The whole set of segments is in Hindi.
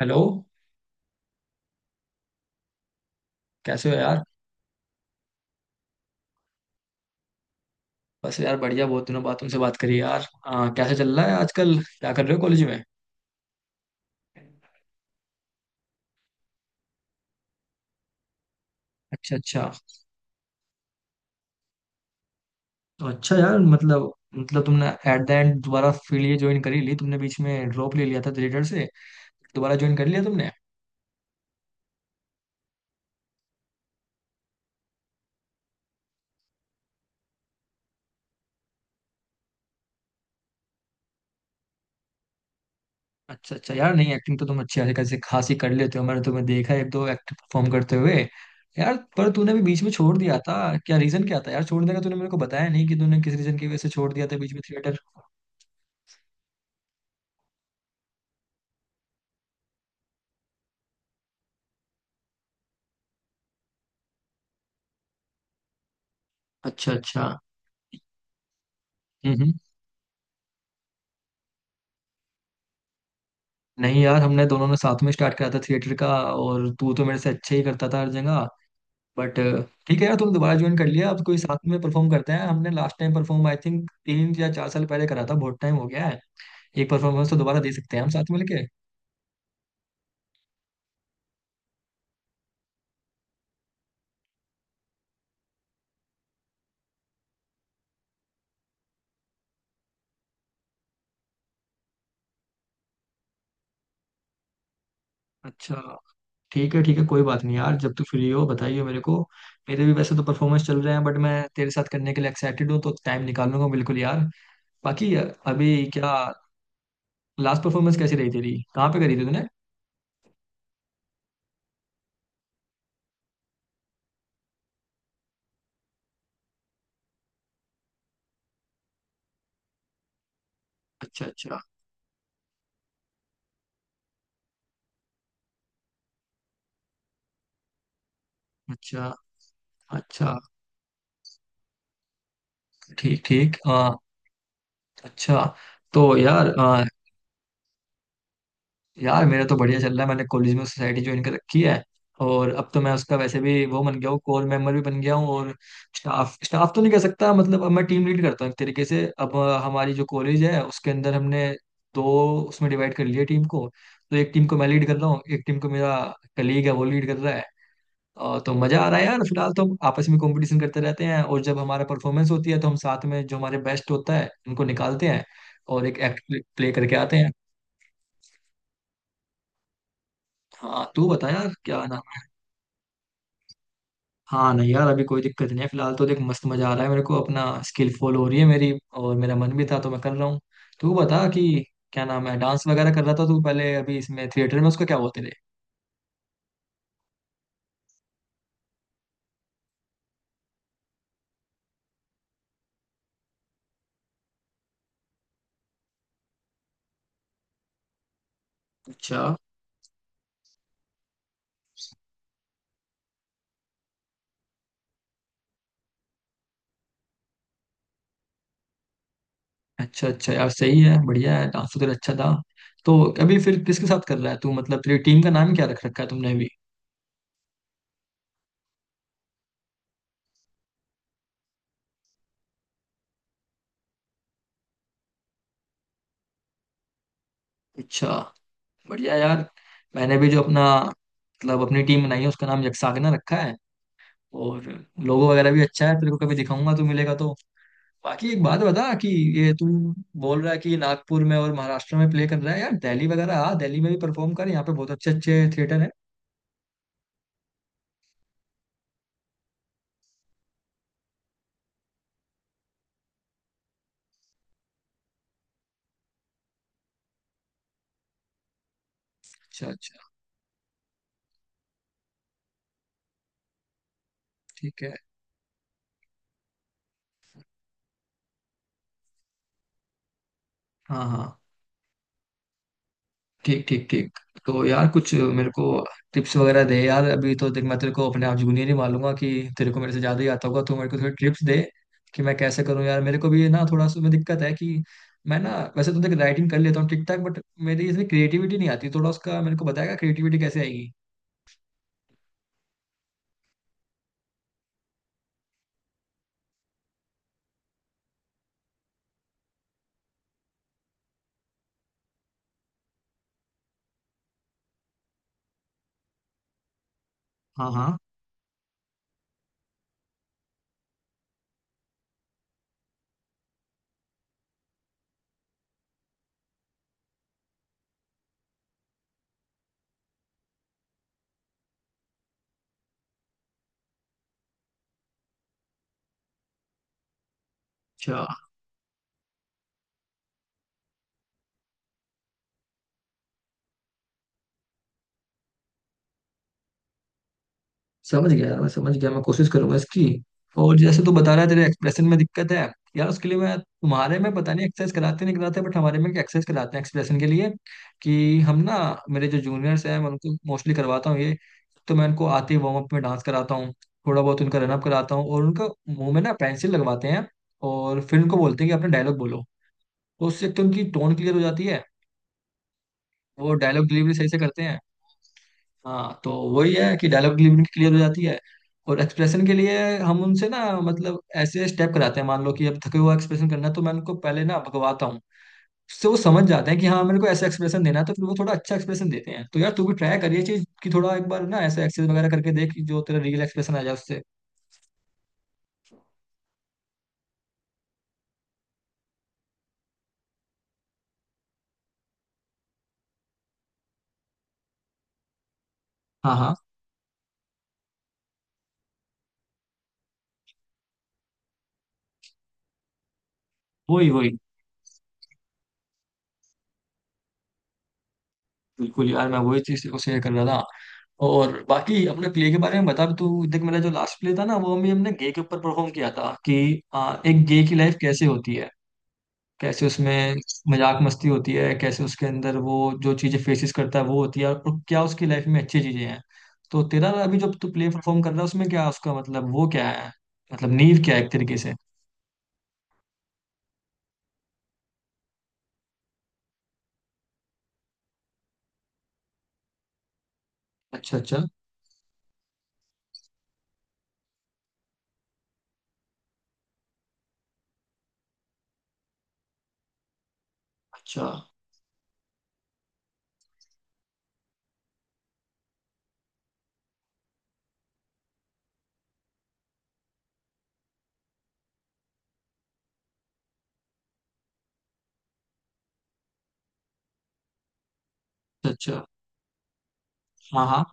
हेलो। कैसे हो यार। बस यार बढ़िया, बहुत दिनों बाद तुमसे बात करी यार। कैसे चल रहा है आजकल, क्या कर रहे हो कॉलेज में। अच्छा अच्छा। तो अच्छा यार, मतलब तुमने एट द एंड दोबारा फील्ड ये ज्वाइन करी ली तुमने, बीच में ड्रॉप ले लिया था थिएटर से, दोबारा ज्वाइन कर लिया तुमने। अच्छा अच्छा यार, नहीं एक्टिंग तो तुम अच्छी खासी खासी खासी कर लेते हो, मैंने तुम्हें देखा है एक दो एक्ट परफॉर्म करते हुए। यार पर तूने भी बीच में छोड़ दिया था, क्या रीजन क्या था यार छोड़ने का, तूने मेरे को बताया नहीं कि तूने किस रीजन की वजह से छोड़ दिया था बीच में थिएटर। अच्छा अच्छा। हम्म। नहीं यार, हमने दोनों ने साथ में स्टार्ट करा था थिएटर का और तू तो मेरे से अच्छे ही करता था हर जगह। बट ठीक है यार, तुम दोबारा ज्वाइन कर लिया, अब कोई साथ में परफॉर्म करते हैं। हमने last time perform I think तीन या चार साल पहले करा था, बहुत टाइम हो गया है। एक परफॉर्मेंस तो दोबारा दे सकते हैं हम साथ मिलके। अच्छा ठीक है ठीक है, कोई बात नहीं यार, जब तू फ्री हो बताइए मेरे को। मेरे भी वैसे तो परफॉर्मेंस चल रहे हैं बट मैं तेरे साथ करने के लिए एक्साइटेड हूँ, तो टाइम निकाल लूंगा बिल्कुल यार। बाकी अभी क्या, लास्ट परफॉर्मेंस कैसी रही तेरी, कहाँ पे करी थी तूने। अच्छा अच्छा। अच्छा अच्छा। ठीक ठीक अच्छा। तो यार यार मेरा तो बढ़िया चल रहा है, मैंने कॉलेज में सोसाइटी ज्वाइन कर रखी है और अब तो मैं उसका वैसे भी वो बन गया हूँ, कोर मेंबर भी बन गया हूँ। और स्टाफ स्टाफ तो नहीं कह सकता, मतलब अब मैं टीम लीड करता हूँ एक तरीके से अब। हमारी जो कॉलेज है उसके अंदर हमने दो, उसमें डिवाइड कर लिया टीम को। तो एक टीम को मैं लीड कर रहा हूँ, एक टीम को मेरा कलीग है वो लीड कर रहा है। तो मजा आ रहा है यार। फिलहाल तो हम आपस में कंपटीशन करते रहते हैं और जब हमारा परफॉर्मेंस होती है तो हम साथ में जो हमारे बेस्ट होता है उनको निकालते हैं और एक एक्ट प्ले करके आते हैं। हाँ तू बता यार, क्या नाम है। हाँ नहीं यार, अभी कोई दिक्कत नहीं है, फिलहाल तो देख मस्त मजा आ रहा है मेरे को, अपना स्किल फॉल हो रही है मेरी और मेरा मन भी था तो मैं कर रहा हूँ। तू बता कि क्या नाम है, डांस वगैरह कर रहा था तू पहले, अभी इसमें थिएटर में उसको क्या बोलते थे। अच्छा अच्छा। अच्छा यार सही है, बढ़िया है, डांस तो तेरा अच्छा था। तो अभी फिर किसके साथ कर रहा है तू, मतलब तेरी टीम का नाम क्या रख रखा है तुमने अभी। अच्छा। बढ़िया यार, मैंने भी जो अपना मतलब अपनी टीम बनाई है उसका नाम यक्षागना रखा है और लोगो वगैरह भी अच्छा है, तेरे को कभी दिखाऊंगा तू मिलेगा तो। बाकी एक बात बता कि ये तू बोल रहा है कि नागपुर में और महाराष्ट्र में प्ले कर रहा है, यार दिल्ली वगैरह आ दिल्ली में भी परफॉर्म कर, यहाँ पे बहुत अच्छे अच्छे थिएटर है। अच्छा अच्छा। ठीक है। हाँ हाँ। ठीक ठीक ठीक। तो यार कुछ मेरे को टिप्स वगैरह दे यार, अभी तो देख मैं तेरे को अपने आप जूनियर ही मान लूंगा कि तेरे को मेरे से ज़्यादा ही आता होगा, तो मेरे को थोड़ी टिप्स दे कि मैं कैसे करूँ यार। मेरे को भी ना थोड़ा सा में दिक्कत है कि मैं ना वैसे तो देख राइटिंग कर लेता हूँ ठीक ठाक बट मेरी इसमें क्रिएटिविटी नहीं आती थोड़ा, उसका मेरे को बताएगा क्रिएटिविटी कैसे आएगी। हाँ हाँ। अच्छा समझ गया यार, मैं समझ गया, मैं कोशिश करूंगा इसकी। और जैसे तू बता रहा है तेरे एक्सप्रेशन में दिक्कत है, यार उसके लिए मैं तुम्हारे में पता नहीं एक्सरसाइज कराते नहीं कराते बट हमारे में एक्सरसाइज कराते हैं एक्सप्रेशन के लिए, कि हम ना, मेरे जो जूनियर्स हैं मैं उनको मोस्टली करवाता हूँ ये। तो मैं उनको आते ही वार्म अप में डांस कराता हूँ, थोड़ा बहुत उनका रनअप कराता हूँ और उनका मुंह में ना पेंसिल लगवाते हैं और फिर उनको बोलते हैं कि अपना डायलॉग बोलो। तो उससे एक तो उनकी टोन क्लियर हो जाती है, वो डायलॉग डिलीवरी सही से करते हैं। हाँ तो वही है कि डायलॉग डिलीवरी क्लियर हो जाती है। और एक्सप्रेशन के लिए हम उनसे ना मतलब ऐसे स्टेप कराते हैं, मान लो कि अब थके हुआ एक्सप्रेशन करना है तो मैं उनको पहले ना भगवाता हूँ, उससे वो समझ जाते हैं कि हाँ मेरे को ऐसा एक्सप्रेशन देना है, तो फिर वो थोड़ा अच्छा एक्सप्रेशन देते हैं। तो यार तू भी ट्राई करिए चीज कि थोड़ा एक बार ना ऐसे एक्सरसाइज वगैरह करके देख कि जो तेरा रियल एक्सप्रेशन आ जाए उससे। हाँ हाँ। वही वही, बिल्कुल यार मैं वही चीज को शेयर कर रहा था। और बाकी अपने प्ले के बारे में बता भी, तू देख मेरा जो लास्ट प्ले था ना वो भी हमने गे के ऊपर परफॉर्म किया था कि एक गे की लाइफ कैसे होती है, कैसे उसमें मजाक मस्ती होती है, कैसे उसके अंदर वो जो चीज़ें फेसिस करता है वो होती है और क्या उसकी लाइफ में अच्छी चीज़ें हैं। तो तेरा अभी जब तू प्ले परफॉर्म कर रहा है उसमें क्या उसका मतलब वो क्या है, मतलब नींव क्या है एक तरीके से। अच्छा अच्छा। अच्छा अच्छा अच्छा। हाँ हाँ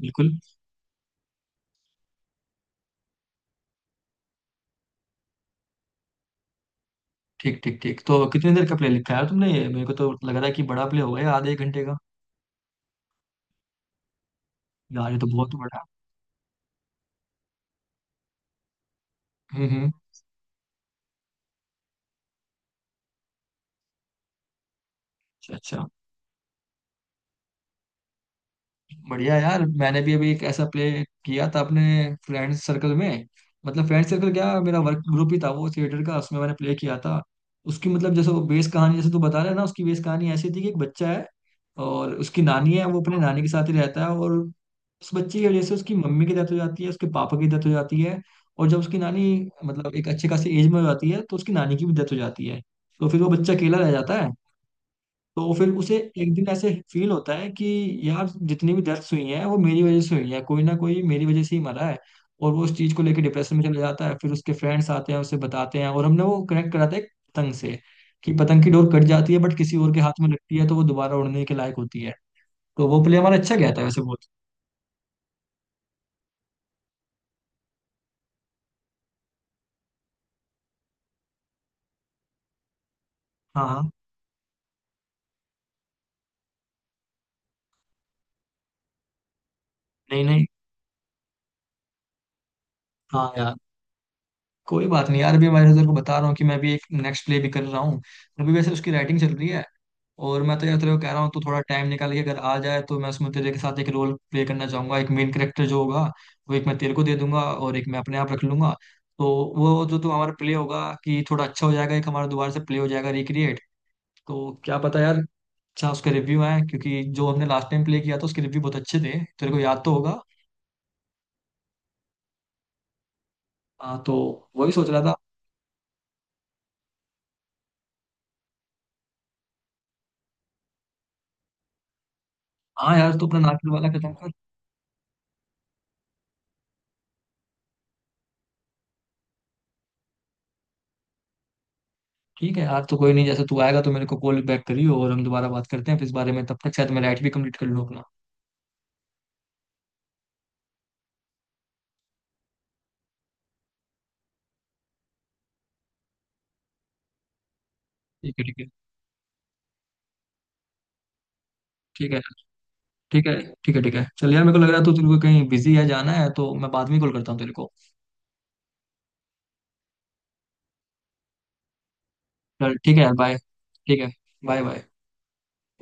बिल्कुल। ठीक ठीक ठीक। तो कितनी देर का प्ले लिखा है यार तुमने, ये मेरे को तो लग रहा है कि बड़ा प्ले होगा, ये आधे एक घंटे का। यार ये तो बहुत बड़ा। हम्म। अच्छा अच्छा। बढ़िया यार, मैंने भी अभी एक ऐसा प्ले किया था अपने फ्रेंड सर्कल में, मतलब फ्रेंड सर्कल क्या मेरा वर्क ग्रुप ही था वो थिएटर का, उसमें मैंने प्ले किया था। उसकी मतलब जैसे वो बेस कहानी, जैसे तू बता रहा है ना, उसकी बेस कहानी ऐसी थी कि एक बच्चा है और उसकी नानी है, वो अपने नानी के साथ ही रहता है और उस बच्चे की वजह से उसकी मम्मी की डेथ हो जाती है, उसके पापा की डेथ हो जाती है और जब उसकी नानी मतलब एक अच्छे खासी एज में हो जाती है तो उसकी नानी की भी डेथ हो जाती है। तो फिर वो बच्चा अकेला रह जाता है। तो फिर उसे एक दिन ऐसे फील होता है कि यार जितनी भी डेथ्स हुई हैं वो मेरी वजह से हुई हैं, कोई ना कोई मेरी वजह से ही मरा है। और वो उस चीज को लेकर डिप्रेशन में चला जाता है, फिर उसके फ्रेंड्स आते हैं उसे बताते हैं और हमने वो कनेक्ट कराते हैं पतंग से कि पतंग की डोर कट जाती है बट किसी और के हाथ में लगती है तो वो दोबारा उड़ने के लायक होती है। तो वो प्ले हमारा अच्छा गया था वैसे वो। हाँ हाँ। नहीं नहीं। हाँ यार कोई बात नहीं यार, अभी मैं इधर को बता रहा हूँ कि मैं भी एक नेक्स्ट प्ले भी कर रहा हूँ, अभी वैसे उसकी राइटिंग चल रही है। और मैं तो यार तेरे को कह रहा हूँ तू थोड़ा टाइम निकाल के अगर आ जाए तो मैं उसमें तेरे के साथ एक रोल प्ले करना चाहूंगा, एक मेन कैरेक्टर जो होगा वो एक मैं तेरे को दे दूंगा और एक मैं अपने आप रख लूंगा। तो वो जो तो हमारा प्ले होगा कि थोड़ा अच्छा हो जाएगा, एक हमारा दोबारा से प्ले हो जाएगा रिक्रिएट। तो क्या पता यार अच्छा उसके रिव्यू आए, क्योंकि जो हमने लास्ट टाइम प्ले किया था उसके रिव्यू बहुत अच्छे थे, तेरे को याद तो होगा। हाँ तो वही सोच रहा था। हाँ यार, तू अपना नाटक वाला खत्म कर। ठीक है यार, तो कोई नहीं, जैसे तू आएगा तो मेरे को कॉल बैक करियो और हम दोबारा बात करते हैं फिर इस बारे में, तब तक शायद मैं राइट भी कंप्लीट कर लूँ अपना। ठीक है ठीक है। ठीक है ठीक है। ठीक है ठीक है। चल यार मेरे को लग रहा है तो तेरे को कहीं बिजी है जाना है, तो मैं बाद में कॉल करता हूँ तेरे को। चल ठीक है यार, बाय ठीक है। Bye bye.